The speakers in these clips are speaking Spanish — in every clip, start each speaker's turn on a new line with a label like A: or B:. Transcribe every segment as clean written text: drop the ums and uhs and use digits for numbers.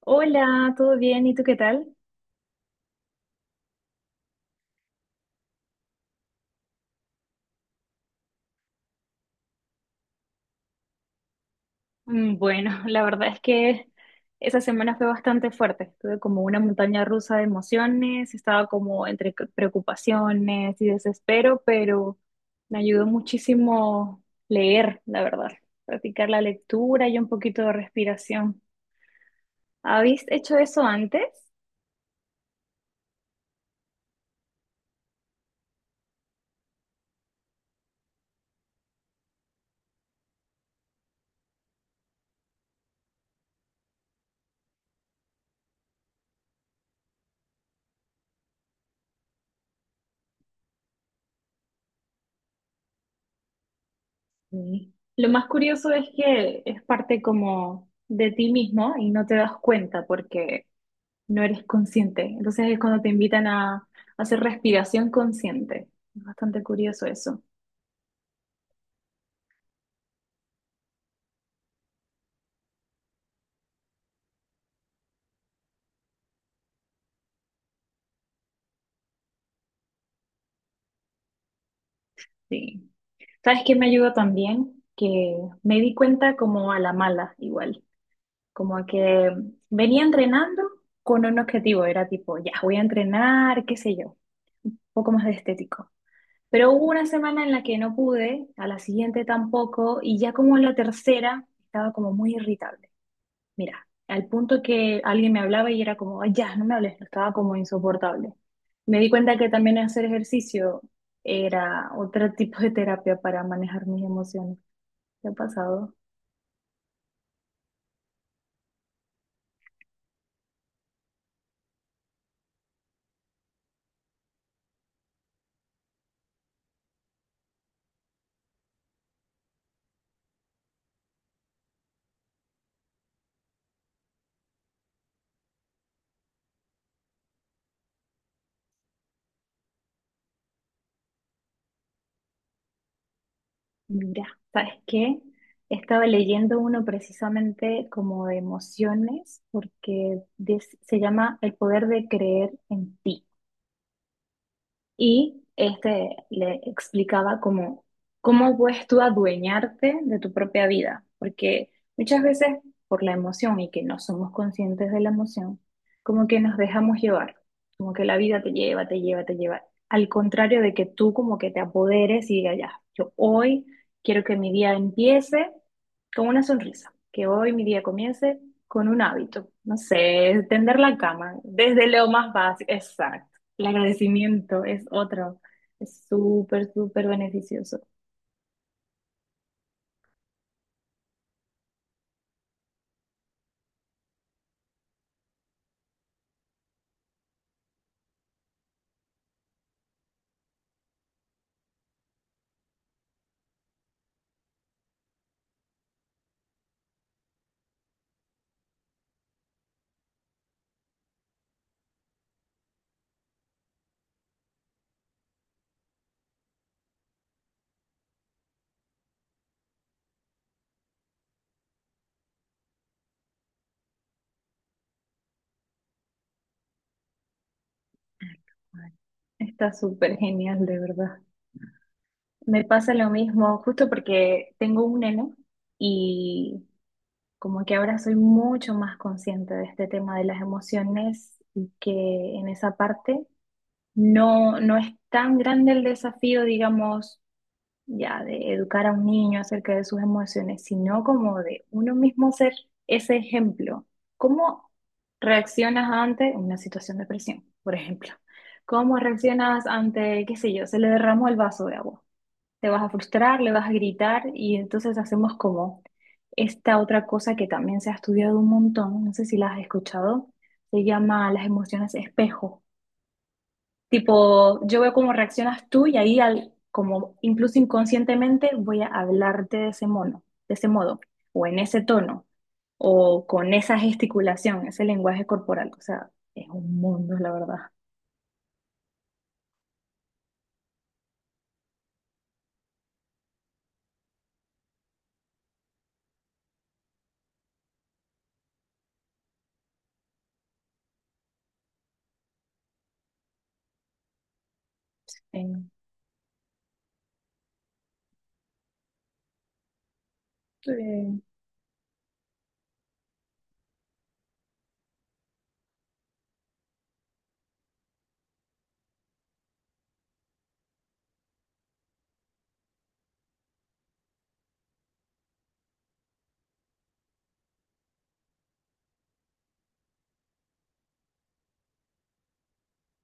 A: Hola, ¿todo bien? ¿Y tú qué tal? Bueno, la verdad es que esa semana fue bastante fuerte. Tuve como una montaña rusa de emociones, estaba como entre preocupaciones y desespero, pero me ayudó muchísimo leer, la verdad, practicar la lectura y un poquito de respiración. ¿Habéis hecho eso antes? Sí. Lo más curioso es que es parte como de ti mismo y no te das cuenta porque no eres consciente. Entonces es cuando te invitan a hacer respiración consciente. Es bastante curioso eso. Sí. ¿Sabes qué me ayudó también? Que me di cuenta como a la mala, igual. Como que venía entrenando con un objetivo. Era tipo, ya, voy a entrenar, qué sé yo, un poco más de estético. Pero hubo una semana en la que no pude, a la siguiente tampoco, y ya como en la tercera estaba como muy irritable. Mira, al punto que alguien me hablaba y era como: "Ay, ya, no me hables", estaba como insoportable. Me di cuenta que también hacer ejercicio era otro tipo de terapia para manejar mis emociones. ¿Qué ha pasado? Mira, ¿sabes qué? Estaba leyendo uno precisamente como de emociones, porque se llama El poder de creer en ti. Y este le explicaba cómo, cómo puedes tú adueñarte de tu propia vida, porque muchas veces por la emoción y que no somos conscientes de la emoción, como que nos dejamos llevar, como que la vida te lleva, te lleva, te lleva, al contrario de que tú como que te apoderes y digas, ya, yo hoy quiero que mi día empiece con una sonrisa, que hoy mi día comience con un hábito, no sé, tender la cama, desde lo más básico, exacto. El agradecimiento es otro. Es súper, súper beneficioso. Ay, está súper genial, de verdad. Me pasa lo mismo justo porque tengo un neno y como que ahora soy mucho más consciente de este tema de las emociones y que en esa parte no, no es tan grande el desafío, digamos, ya de educar a un niño acerca de sus emociones, sino como de uno mismo ser ese ejemplo. ¿Cómo reaccionas ante una situación de presión, por ejemplo? ¿Cómo reaccionas ante, qué sé yo, se le derramó el vaso de agua? Te vas a frustrar, le vas a gritar y entonces hacemos como esta otra cosa que también se ha estudiado un montón, no sé si la has escuchado, se llama las emociones espejo. Tipo, yo veo cómo reaccionas tú y ahí, al, como incluso inconscientemente, voy a hablarte de ese mono, de ese modo, o en ese tono, o con esa gesticulación, ese lenguaje corporal. O sea, es un mundo, la verdad. En- Sí.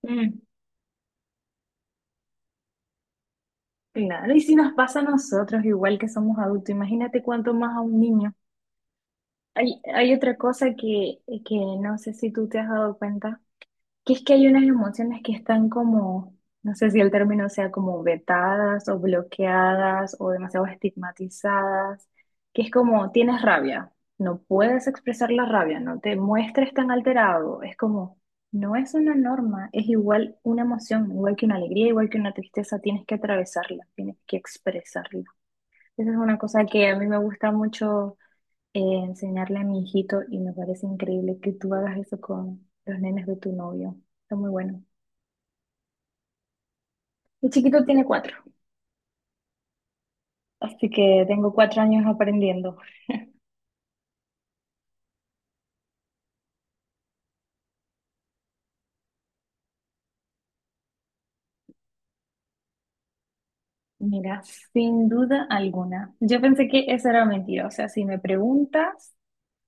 A: Mm, claro, y si nos pasa a nosotros, igual que somos adultos, imagínate cuánto más a un niño. Hay otra cosa que no sé si tú te has dado cuenta. Que es que hay unas emociones que están como, no sé si el término sea como vetadas o bloqueadas o demasiado estigmatizadas, que es como tienes rabia, no puedes expresar la rabia, no te muestres tan alterado, es como, no es una norma, es igual una emoción, igual que una alegría, igual que una tristeza, tienes que atravesarla, tienes que expresarla. Esa es una cosa que a mí me gusta mucho enseñarle a mi hijito y me parece increíble que tú hagas eso con los nenes de tu novio. Está muy bueno. Mi chiquito tiene 4, así que tengo 4 años aprendiendo. Mira, sin duda alguna. Yo pensé que eso era mentira. O sea, si me preguntas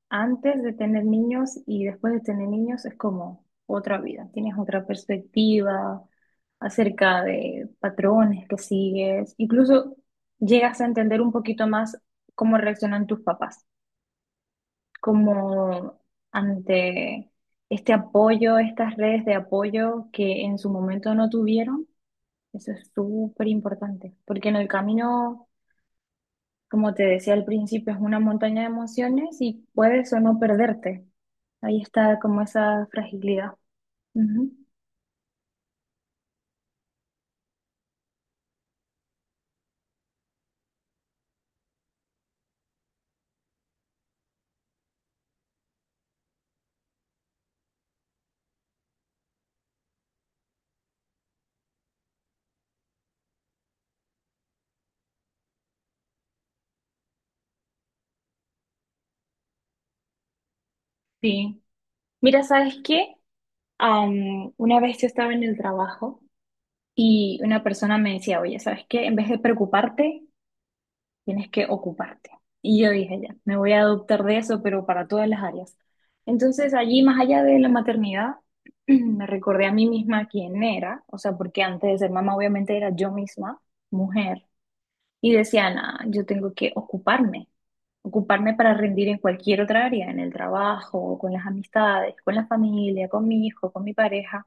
A: antes de tener niños y después de tener niños, es como otra vida. Tienes otra perspectiva acerca de patrones que sigues. Incluso llegas a entender un poquito más cómo reaccionan tus papás. Como ante este apoyo, estas redes de apoyo que en su momento no tuvieron. Eso es súper importante, porque en el camino, como te decía al principio, es una montaña de emociones y puedes o no perderte. Ahí está como esa fragilidad. Ujú. Sí. Mira, ¿sabes qué? Una vez yo estaba en el trabajo y una persona me decía, oye, ¿sabes qué? En vez de preocuparte, tienes que ocuparte. Y yo dije, ya, me voy a adoptar de eso, pero para todas las áreas. Entonces, allí, más allá de la maternidad, me recordé a mí misma quién era, o sea, porque antes de ser mamá, obviamente era yo misma, mujer, y decía: "Nah, yo tengo que ocuparme, ocuparme para rendir en cualquier otra área, en el trabajo, con las amistades, con la familia, con mi hijo, con mi pareja".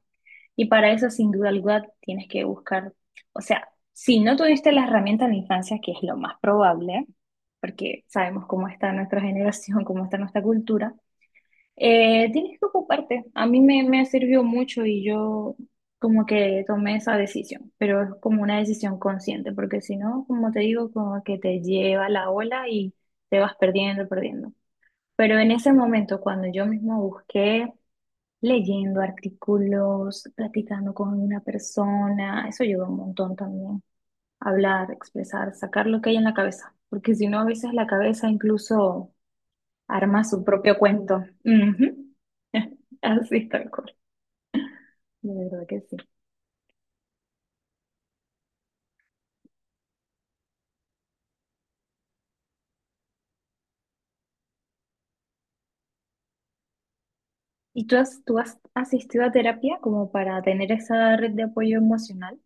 A: Y para eso, sin duda alguna, tienes que buscar, o sea, si no tuviste las herramientas de la infancia, que es lo más probable, porque sabemos cómo está nuestra generación, cómo está nuestra cultura, tienes que ocuparte. A mí me sirvió mucho y yo como que tomé esa decisión, pero es como una decisión consciente, porque si no, como te digo, como que te lleva la ola y te vas perdiendo, perdiendo. Pero en ese momento, cuando yo misma busqué leyendo artículos, platicando con una persona, eso ayuda un montón también. Hablar, expresar, sacar lo que hay en la cabeza, porque si no, a veces la cabeza incluso arma su propio cuento. Ujú. Así tal cual. De verdad que sí. ¿Y tú has asistido a terapia como para tener esa red de apoyo emocional?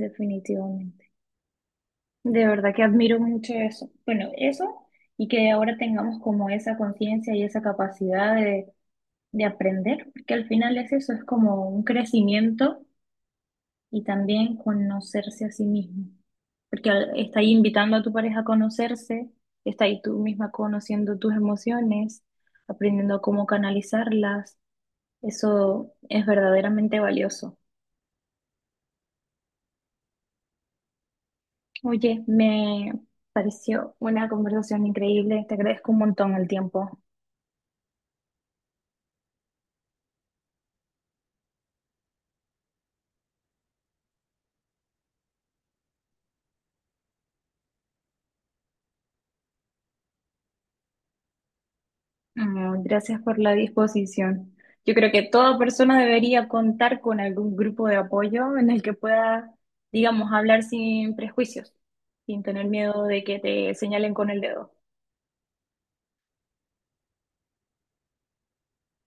A: Definitivamente. De verdad que admiro mucho eso. Bueno, eso y que ahora tengamos como esa conciencia y esa capacidad de aprender, porque al final es eso, es como un crecimiento y también conocerse a sí mismo, porque está ahí invitando a tu pareja a conocerse, está ahí tú misma conociendo tus emociones, aprendiendo cómo canalizarlas, eso es verdaderamente valioso. Oye, me pareció una conversación increíble, te agradezco un montón el tiempo. Ah, gracias por la disposición. Yo creo que toda persona debería contar con algún grupo de apoyo en el que pueda, digamos, hablar sin prejuicios, sin tener miedo de que te señalen con el dedo.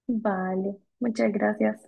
A: Vale, muchas gracias.